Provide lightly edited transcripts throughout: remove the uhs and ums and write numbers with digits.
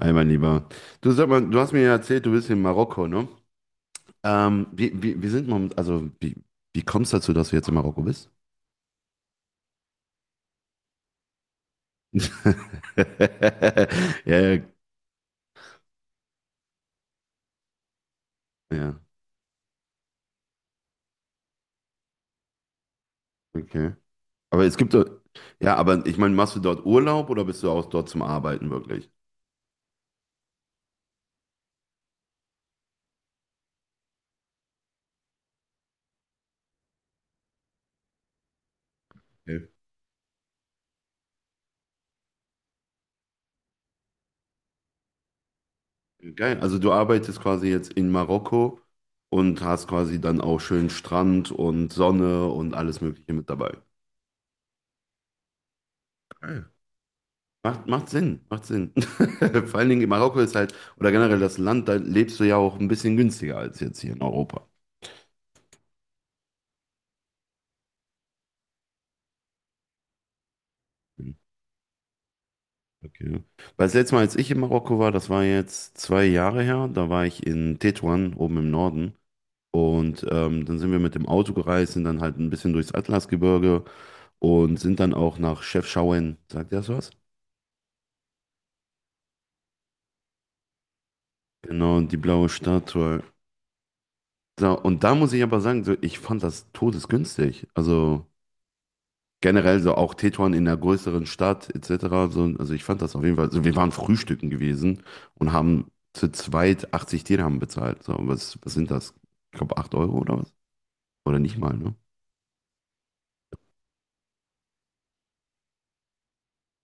Hi, mein Lieber. Du sag mal, du hast mir ja erzählt, du bist in Marokko, ne? Wie sind wir, also wie kommst du dazu, dass du jetzt in Marokko bist? Ja, ja, ja, okay. Aber es gibt, doch- ja, aber ich meine, machst du dort Urlaub oder bist du auch dort zum Arbeiten wirklich? Okay. Geil. Also du arbeitest quasi jetzt in Marokko und hast quasi dann auch schön Strand und Sonne und alles Mögliche mit dabei. Macht Sinn, macht Sinn. Vor allen Dingen in Marokko ist halt, oder generell das Land, da lebst du ja auch ein bisschen günstiger als jetzt hier in Europa. Hm, okay. Weil das letzte Mal, als ich in Marokko war, das war jetzt zwei Jahre her, da war ich in Tetuan, oben im Norden. Und dann sind wir mit dem Auto gereist, sind dann halt ein bisschen durchs Atlasgebirge und sind dann auch nach Chefchaouen. Sagt ihr das was? Genau, und die blaue Statue. So, und da muss ich aber sagen, so, ich fand das todesgünstig. Also generell so auch Tetuan in einer größeren Stadt etc. So, also ich fand das auf jeden Fall. Also wir waren frühstücken gewesen und haben zu zweit 80 Dirham bezahlt. So, was, was sind das? Ich glaube 8 Euro oder was? Oder nicht mal, ne?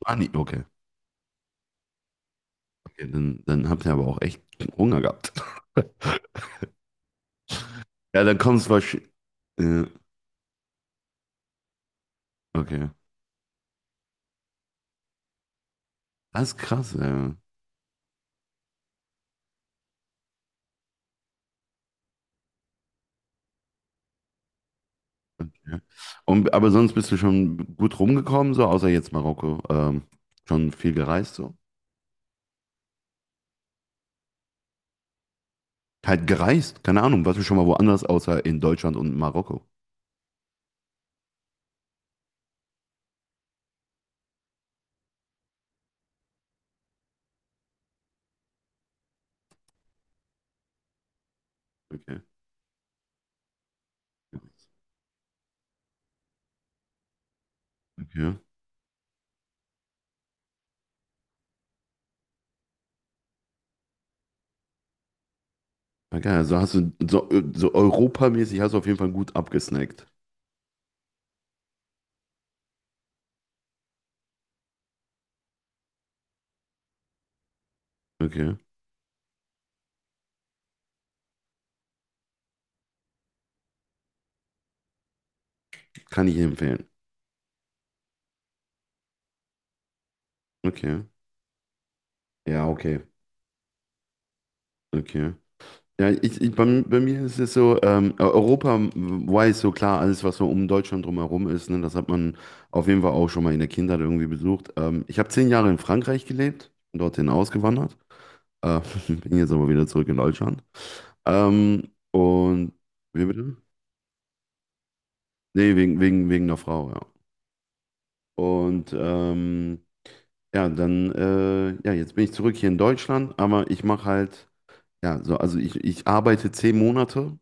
Ah, nee, okay. Okay, dann, dann habt ihr aber auch echt Hunger gehabt. Ja, dann kommst du wahrscheinlich. Äh, okay. Das ist krass, ja. Okay. Und, aber sonst bist du schon gut rumgekommen, so außer jetzt Marokko. Schon viel gereist, so. Halt gereist, keine Ahnung, warst du schon mal woanders außer in Deutschland und Marokko? Okay. Okay. Na geil, also hast du so, so europamäßig hast du auf jeden Fall gut abgesnackt. Okay. Kann ich empfehlen. Okay. Ja, okay. Okay. Ja, bei mir ist es so, Europa weiß so klar, alles, was so um Deutschland drumherum ist, ne, das hat man auf jeden Fall auch schon mal in der Kindheit irgendwie besucht. Ich habe 10 Jahre in Frankreich gelebt, bin dorthin ausgewandert, äh, bin jetzt aber wieder zurück in Deutschland. Ähm, und, wie bitte? Nee, wegen der Frau, ja. Und ja, dann, ja, jetzt bin ich zurück hier in Deutschland, aber ich mache halt, ja, so, also ich arbeite 10 Monate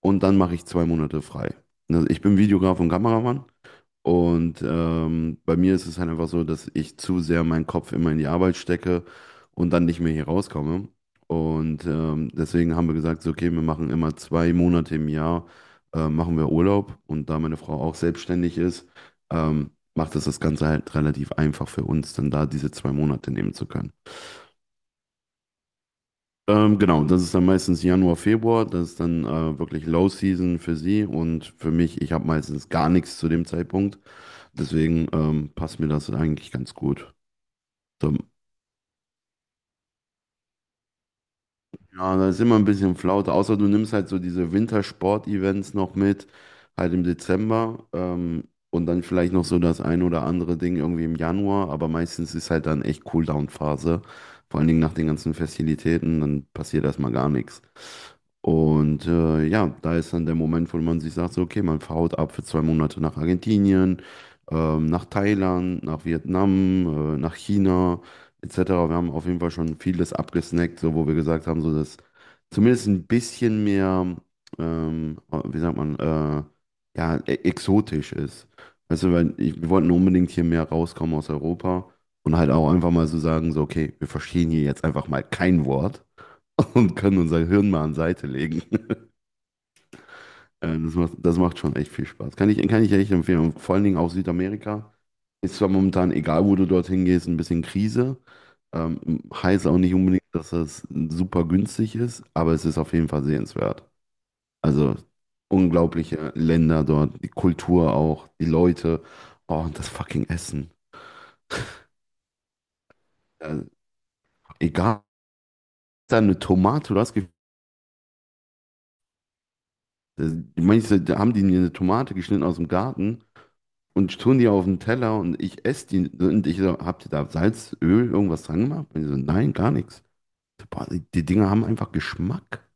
und dann mache ich zwei Monate frei. Also ich bin Videograf und Kameramann und bei mir ist es halt einfach so, dass ich zu sehr meinen Kopf immer in die Arbeit stecke und dann nicht mehr hier rauskomme. Und deswegen haben wir gesagt, so, okay, wir machen immer zwei Monate im Jahr, machen wir Urlaub. Und da meine Frau auch selbstständig ist, macht es das Ganze halt relativ einfach für uns, dann da diese zwei Monate nehmen zu können. Genau, das ist dann meistens Januar, Februar, das ist dann wirklich Low Season für sie und für mich, ich habe meistens gar nichts zu dem Zeitpunkt, deswegen passt mir das eigentlich ganz gut. So, ja, da ist immer ein bisschen Flaute, außer du nimmst halt so diese Wintersport-Events noch mit, halt im Dezember und dann vielleicht noch so das ein oder andere Ding irgendwie im Januar, aber meistens ist halt dann echt Cooldown-Phase, vor allen Dingen nach den ganzen Festivitäten, dann passiert erstmal gar nichts. Und ja, da ist dann der Moment, wo man sich sagt, so, okay, man haut ab für zwei Monate nach Argentinien, nach Thailand, nach Vietnam, nach China etc. Wir haben auf jeden Fall schon vieles abgesnackt, so wo wir gesagt haben, so dass zumindest ein bisschen mehr, ähm, wie sagt man, ja, exotisch ist. Weißt du, weil ich, wir wollten unbedingt hier mehr rauskommen aus Europa und halt auch einfach mal so sagen, so, okay, wir verstehen hier jetzt einfach mal kein Wort und können unser Hirn mal an Seite legen. Das macht schon echt viel Spaß. Kann ich echt empfehlen. Und vor allen Dingen auch Südamerika. Ist zwar momentan, egal wo du dorthin gehst, ein bisschen Krise. Heißt auch nicht unbedingt, dass das super günstig ist, aber es ist auf jeden Fall sehenswert. Also unglaubliche Länder dort, die Kultur auch, die Leute, oh, und das fucking Essen. Äh, egal, da eine Tomate, äh, manche da haben die mir eine Tomate geschnitten aus dem Garten und tun die auf den Teller und ich esse die und ich so, habt ihr da Salz, Öl, irgendwas dran gemacht? Und die so, nein, gar nichts. So, Boah, die Dinger haben einfach Geschmack.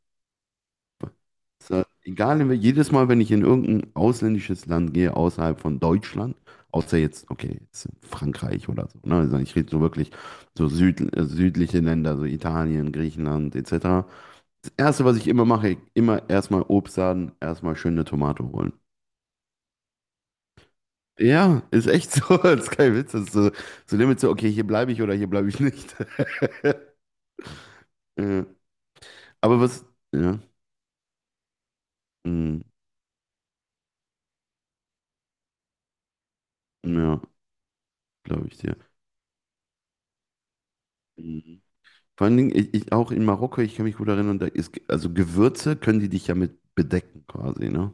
So, egal, jedes Mal, wenn ich in irgendein ausländisches Land gehe, außerhalb von Deutschland, außer jetzt, okay, jetzt Frankreich oder so, ne? Also ich rede so wirklich südliche Länder, so Italien, Griechenland etc. Das Erste, was ich immer mache, immer erstmal Obstladen, erstmal schöne Tomate holen. Ja, ist echt so, das ist kein Witz, das ist so, so Limit so, okay, hier bleibe ich oder hier bleibe ich nicht. Ja, aber was, ja, mm, ja, glaube ich dir. Mm. Vor allen Dingen, ich auch in Marokko, ich kann mich gut erinnern, da ist, also Gewürze können die dich ja mit bedecken quasi, ne?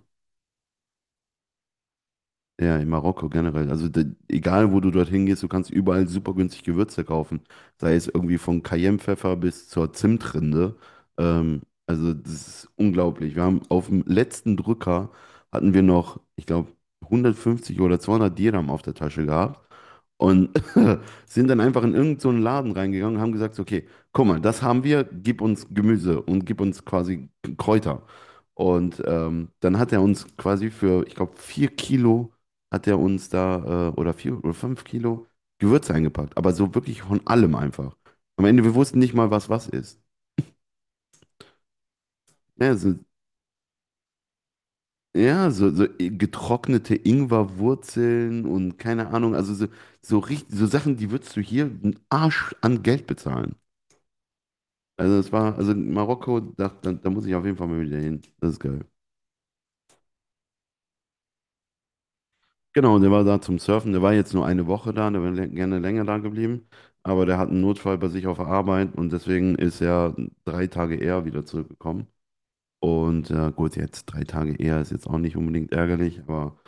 Ja, in Marokko generell. Also da, egal, wo du dorthin gehst, du kannst überall super günstig Gewürze kaufen. Sei es irgendwie von Cayennepfeffer bis zur Zimtrinde. Also das ist unglaublich. Wir haben auf dem letzten Drücker hatten wir noch, ich glaube, 150 oder 200 Dirham auf der Tasche gehabt. Und sind dann einfach in irgendeinen so einen Laden reingegangen und haben gesagt, so, okay, guck mal, das haben wir, gib uns Gemüse und gib uns quasi Kräuter. Und dann hat er uns quasi für, ich glaube, vier Kilo hat er uns da, oder vier oder fünf Kilo Gewürze eingepackt. Aber so wirklich von allem einfach. Am Ende, wir wussten nicht mal, was was ist. Ja, so, ja, getrocknete Ingwerwurzeln und keine Ahnung, also so, so, richtig, so Sachen, die würdest du hier einen Arsch an Geld bezahlen. Also es war, also Marokko, da muss ich auf jeden Fall mal wieder hin. Das ist geil. Genau, der war da zum Surfen. Der war jetzt nur eine Woche da, der wäre gerne länger da geblieben. Aber der hat einen Notfall bei sich auf der Arbeit und deswegen ist er drei Tage eher wieder zurückgekommen. Und gut, jetzt drei Tage eher ist jetzt auch nicht unbedingt ärgerlich, aber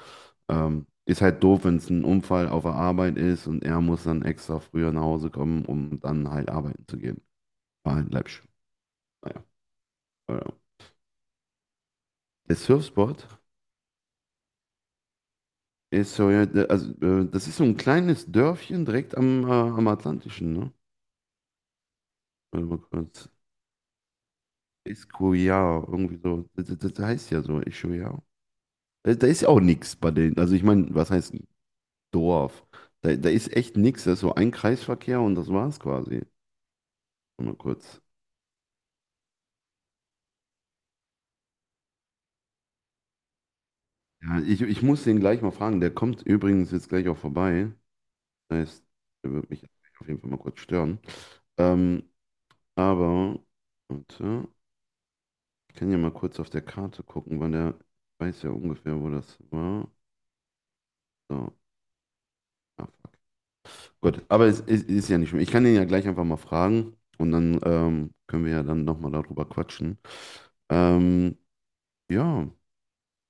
ist halt doof, wenn es ein Unfall auf der Arbeit ist und er muss dann extra früher nach Hause kommen, um dann halt arbeiten zu gehen. War halt läppisch. Naja. Äh, Der Surfspot ist so, ja, das ist so ein kleines Dörfchen direkt am, am Atlantischen, ne? Warte mal kurz. Escuyao, irgendwie so. Das heißt ja so, Escuyao. Da ist ja auch nichts bei denen. Also ich meine, was heißt Dorf? Da ist echt nichts. Das ist so ein Kreisverkehr und das war's quasi. Mal kurz. Ja, ich muss den gleich mal fragen. Der kommt übrigens jetzt gleich auch vorbei. Das heißt, der wird mich auf jeden Fall mal kurz stören. Ähm, aber, warte, ich kann ja mal kurz auf der Karte gucken, weil der weiß ja ungefähr, wo das war. So, ah, fuck. Gut, aber es ist ja nicht schlimm. Ich kann den ja gleich einfach mal fragen und dann können wir ja dann nochmal darüber quatschen. Ähm, ja,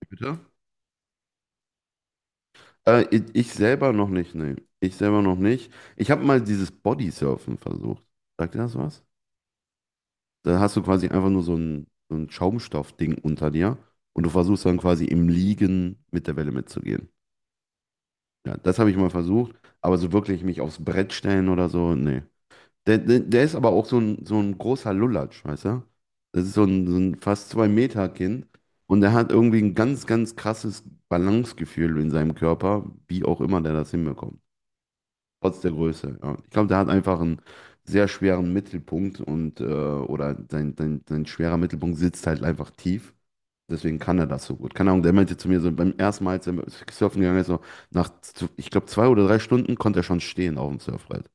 bitte. Ich selber noch nicht, nee. Ich selber noch nicht. Ich habe mal dieses Bodysurfen versucht. Sagt dir das was? Da hast du quasi einfach nur so ein Schaumstoffding unter dir und du versuchst dann quasi im Liegen mit der Welle mitzugehen. Ja, das habe ich mal versucht, aber so wirklich mich aufs Brett stellen oder so, nee. Der ist aber auch so ein großer Lulatsch, weißt du? Das ist so ein fast 2 Meter Kind und der hat irgendwie ein ganz, ganz krasses Balancegefühl in seinem Körper, wie auch immer der das hinbekommt. Trotz der Größe. Ja. Ich glaube, der hat einfach einen sehr schweren Mittelpunkt und oder sein schwerer Mittelpunkt sitzt halt einfach tief. Deswegen kann er das so gut. Keine Ahnung, der meinte zu mir so beim ersten Mal, als er surfen gegangen ist, so ich glaube, zwei oder drei Stunden konnte er schon stehen auf dem Surfbrett.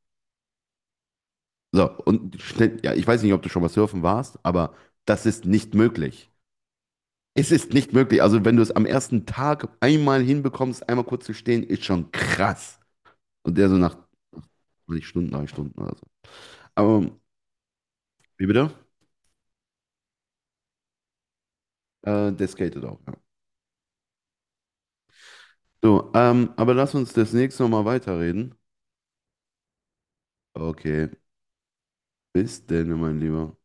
So, und schnell, ja, ich weiß nicht, ob du schon mal surfen warst, aber das ist nicht möglich. Es ist nicht möglich. Also, wenn du es am ersten Tag einmal hinbekommst, einmal kurz zu stehen, ist schon krass. Und der so nach, weiß nicht Stunden, drei Stunden oder so. Aber, wie bitte? Der skatet auch, ja. So, aber lass uns das nächste Mal weiterreden. Okay, bis denn, mein Lieber.